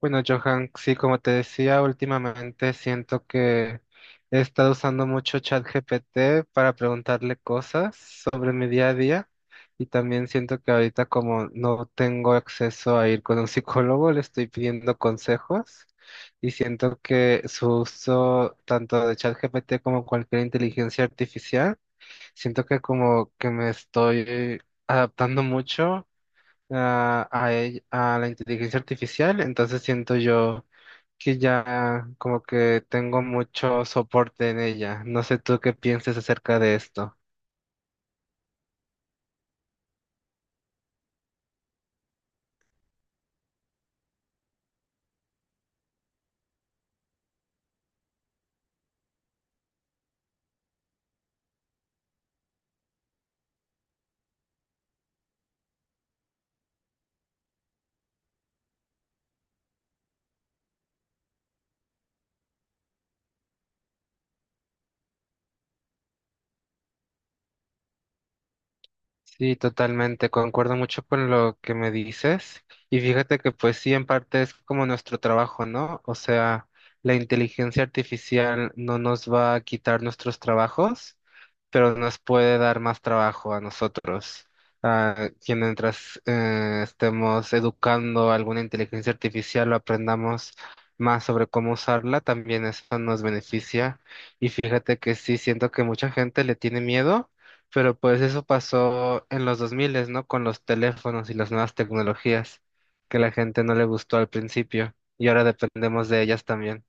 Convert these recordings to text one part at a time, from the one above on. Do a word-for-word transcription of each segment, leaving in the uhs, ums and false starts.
Bueno, Johan, sí, como te decía, últimamente siento que he estado usando mucho ChatGPT para preguntarle cosas sobre mi día a día y también siento que ahorita como no tengo acceso a ir con un psicólogo, le estoy pidiendo consejos y siento que su uso tanto de ChatGPT como cualquier inteligencia artificial, siento que como que me estoy adaptando mucho a, a ell- a la inteligencia artificial, entonces siento yo que ya como que tengo mucho soporte en ella. No sé tú qué pienses acerca de esto. Sí, totalmente, concuerdo mucho con lo que me dices. Y fíjate que pues sí, en parte es como nuestro trabajo, ¿no? O sea, la inteligencia artificial no nos va a quitar nuestros trabajos, pero nos puede dar más trabajo a nosotros. A quien mientras eh, estemos educando alguna inteligencia artificial o aprendamos más sobre cómo usarla, también eso nos beneficia. Y fíjate que sí, siento que mucha gente le tiene miedo, pero pues eso pasó en los dos mil, ¿no? Con los teléfonos y las nuevas tecnologías, que la gente no le gustó al principio y ahora dependemos de ellas también.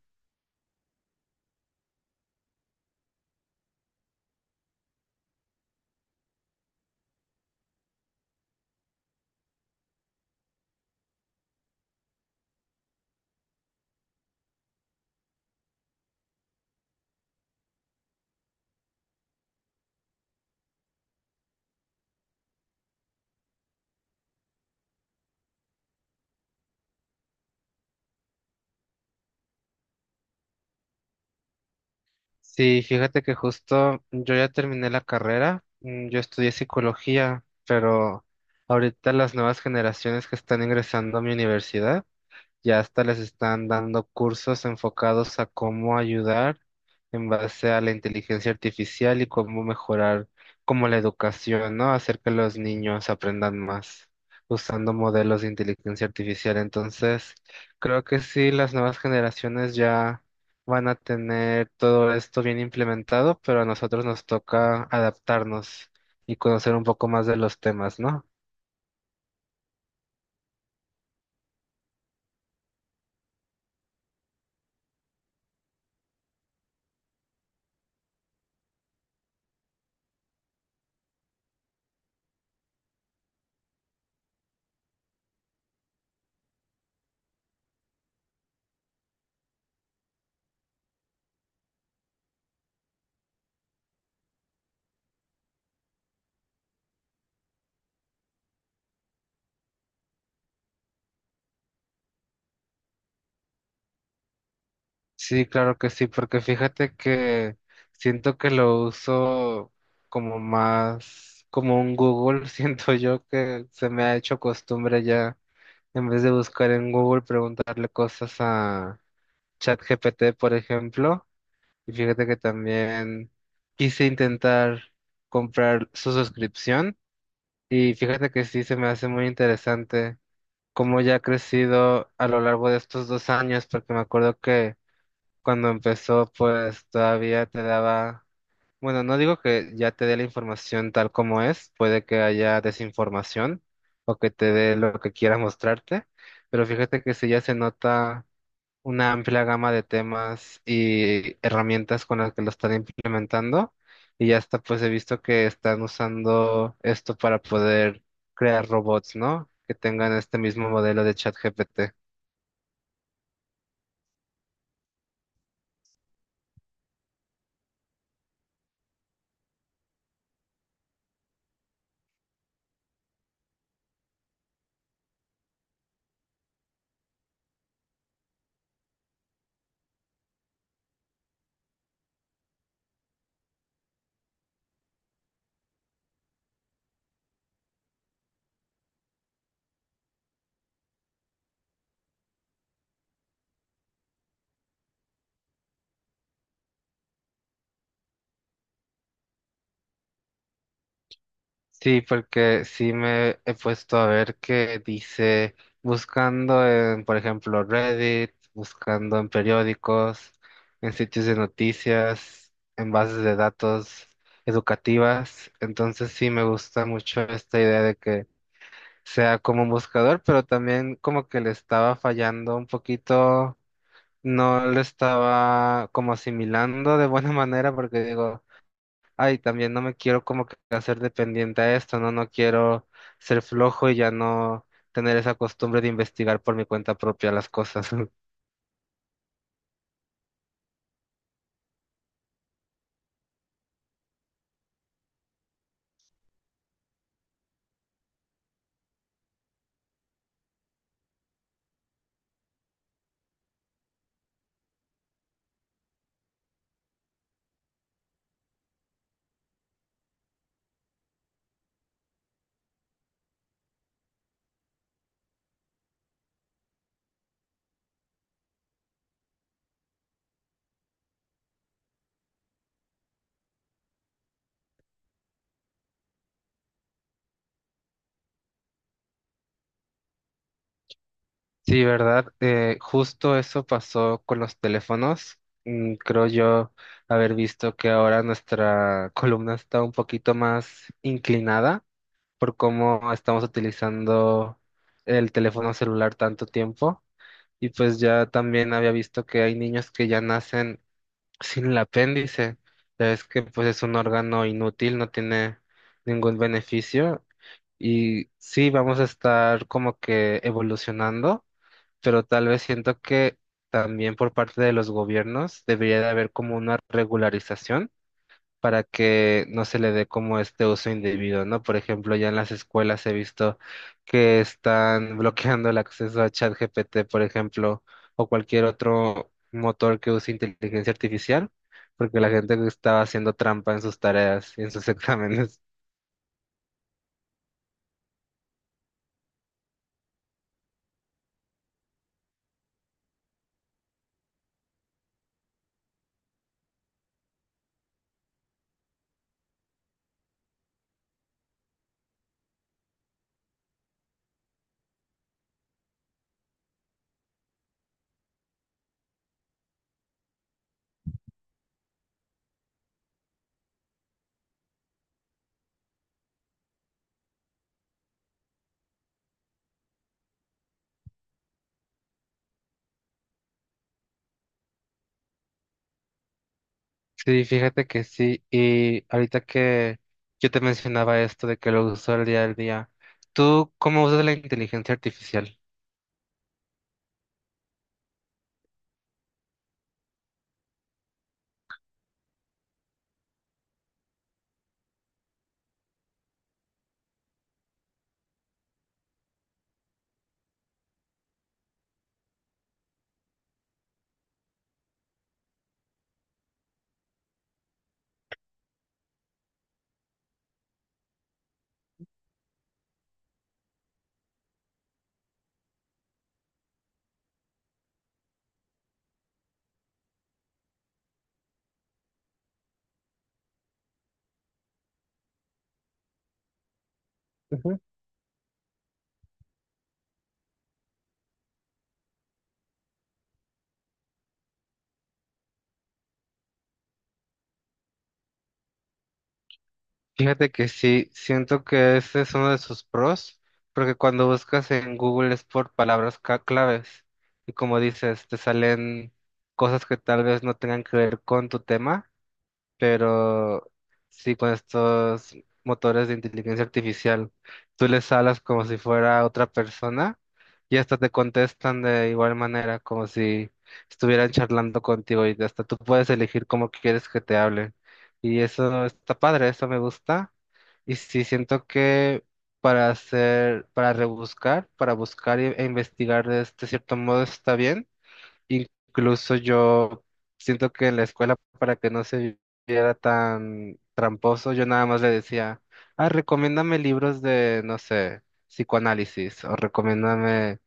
Sí, fíjate que justo yo ya terminé la carrera, mm, yo estudié psicología, pero ahorita las nuevas generaciones que están ingresando a mi universidad ya hasta les están dando cursos enfocados a cómo ayudar en base a la inteligencia artificial y cómo mejorar como la educación, ¿no? Hacer que los niños aprendan más usando modelos de inteligencia artificial. Entonces, creo que sí, las nuevas generaciones ya van a tener todo esto bien implementado, pero a nosotros nos toca adaptarnos y conocer un poco más de los temas, ¿no? Sí, claro que sí, porque fíjate que siento que lo uso como más, como un Google, siento yo que se me ha hecho costumbre ya, en vez de buscar en Google, preguntarle cosas a ChatGPT, por ejemplo, y fíjate que también quise intentar comprar su suscripción, y fíjate que sí, se me hace muy interesante cómo ya ha crecido a lo largo de estos dos años, porque me acuerdo que cuando empezó, pues todavía te daba, bueno, no digo que ya te dé la información tal como es, puede que haya desinformación o que te dé lo que quiera mostrarte, pero fíjate que sí ya se nota una amplia gama de temas y herramientas con las que lo están implementando y ya está, pues he visto que están usando esto para poder crear robots, ¿no? Que tengan este mismo modelo de ChatGPT. Sí, porque sí me he puesto a ver que dice, buscando en, por ejemplo, Reddit, buscando en periódicos, en sitios de noticias, en bases de datos educativas. Entonces sí me gusta mucho esta idea de que sea como un buscador, pero también como que le estaba fallando un poquito, no lo estaba como asimilando de buena manera, porque digo... Ay, también no me quiero como que hacer dependiente a esto, ¿no? No quiero ser flojo y ya no tener esa costumbre de investigar por mi cuenta propia las cosas. Sí, ¿verdad? Eh, justo eso pasó con los teléfonos. Mm, Creo yo haber visto que ahora nuestra columna está un poquito más inclinada por cómo estamos utilizando el teléfono celular tanto tiempo. Y pues ya también había visto que hay niños que ya nacen sin el apéndice, ya ves que pues es un órgano inútil, no tiene ningún beneficio y sí vamos a estar como que evolucionando, pero tal vez siento que también por parte de los gobiernos debería de haber como una regularización para que no se le dé como este uso indebido, ¿no? Por ejemplo, ya en las escuelas he visto que están bloqueando el acceso a ChatGPT, por ejemplo, o cualquier otro motor que use inteligencia artificial, porque la gente estaba haciendo trampa en sus tareas y en sus exámenes. Sí, fíjate que sí. Y ahorita que yo te mencionaba esto de que lo uso el día al día, ¿tú cómo usas la inteligencia artificial? Fíjate que sí, siento que ese es uno de sus pros, porque cuando buscas en Google es por palabras ca- claves y como dices, te salen cosas que tal vez no tengan que ver con tu tema, pero sí con estos motores de inteligencia artificial, tú les hablas como si fuera otra persona y hasta te contestan de igual manera, como si estuvieran charlando contigo y hasta tú puedes elegir cómo quieres que te hablen. Y eso está padre, eso me gusta. Y sí, siento que para hacer, para rebuscar, para buscar e e investigar de este cierto modo está bien. Incluso yo siento que en la escuela, para que no se viera tan tramposo, yo nada más le decía, ah, recomiéndame libros de, no sé, psicoanálisis o recomiéndame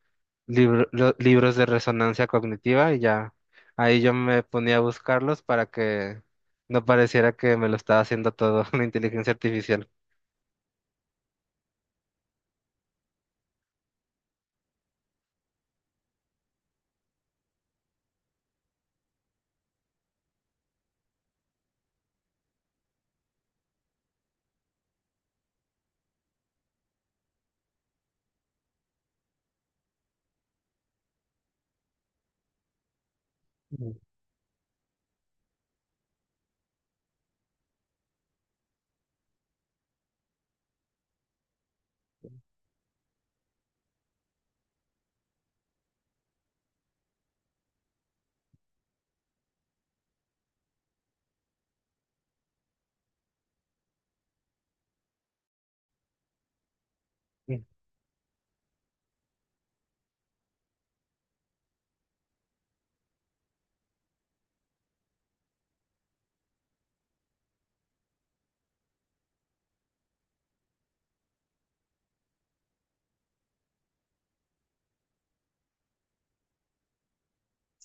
libro- lo- libros de resonancia cognitiva y ya. Ahí yo me ponía a buscarlos para que no pareciera que me lo estaba haciendo todo la inteligencia artificial. Mm.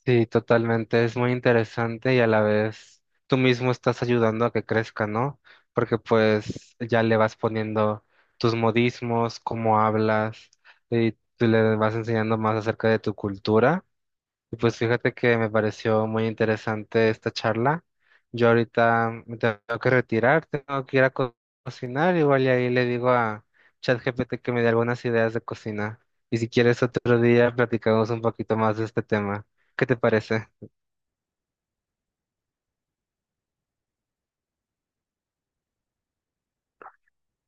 Sí, totalmente. Es muy interesante y a la vez tú mismo estás ayudando a que crezca, ¿no? Porque pues ya le vas poniendo tus modismos, cómo hablas y tú le vas enseñando más acerca de tu cultura. Y pues fíjate que me pareció muy interesante esta charla. Yo ahorita me tengo que retirar, tengo que ir a co- cocinar, igual y ahí le digo a ChatGPT que me dé algunas ideas de cocina. Y si quieres otro día platicamos un poquito más de este tema. ¿Qué te parece?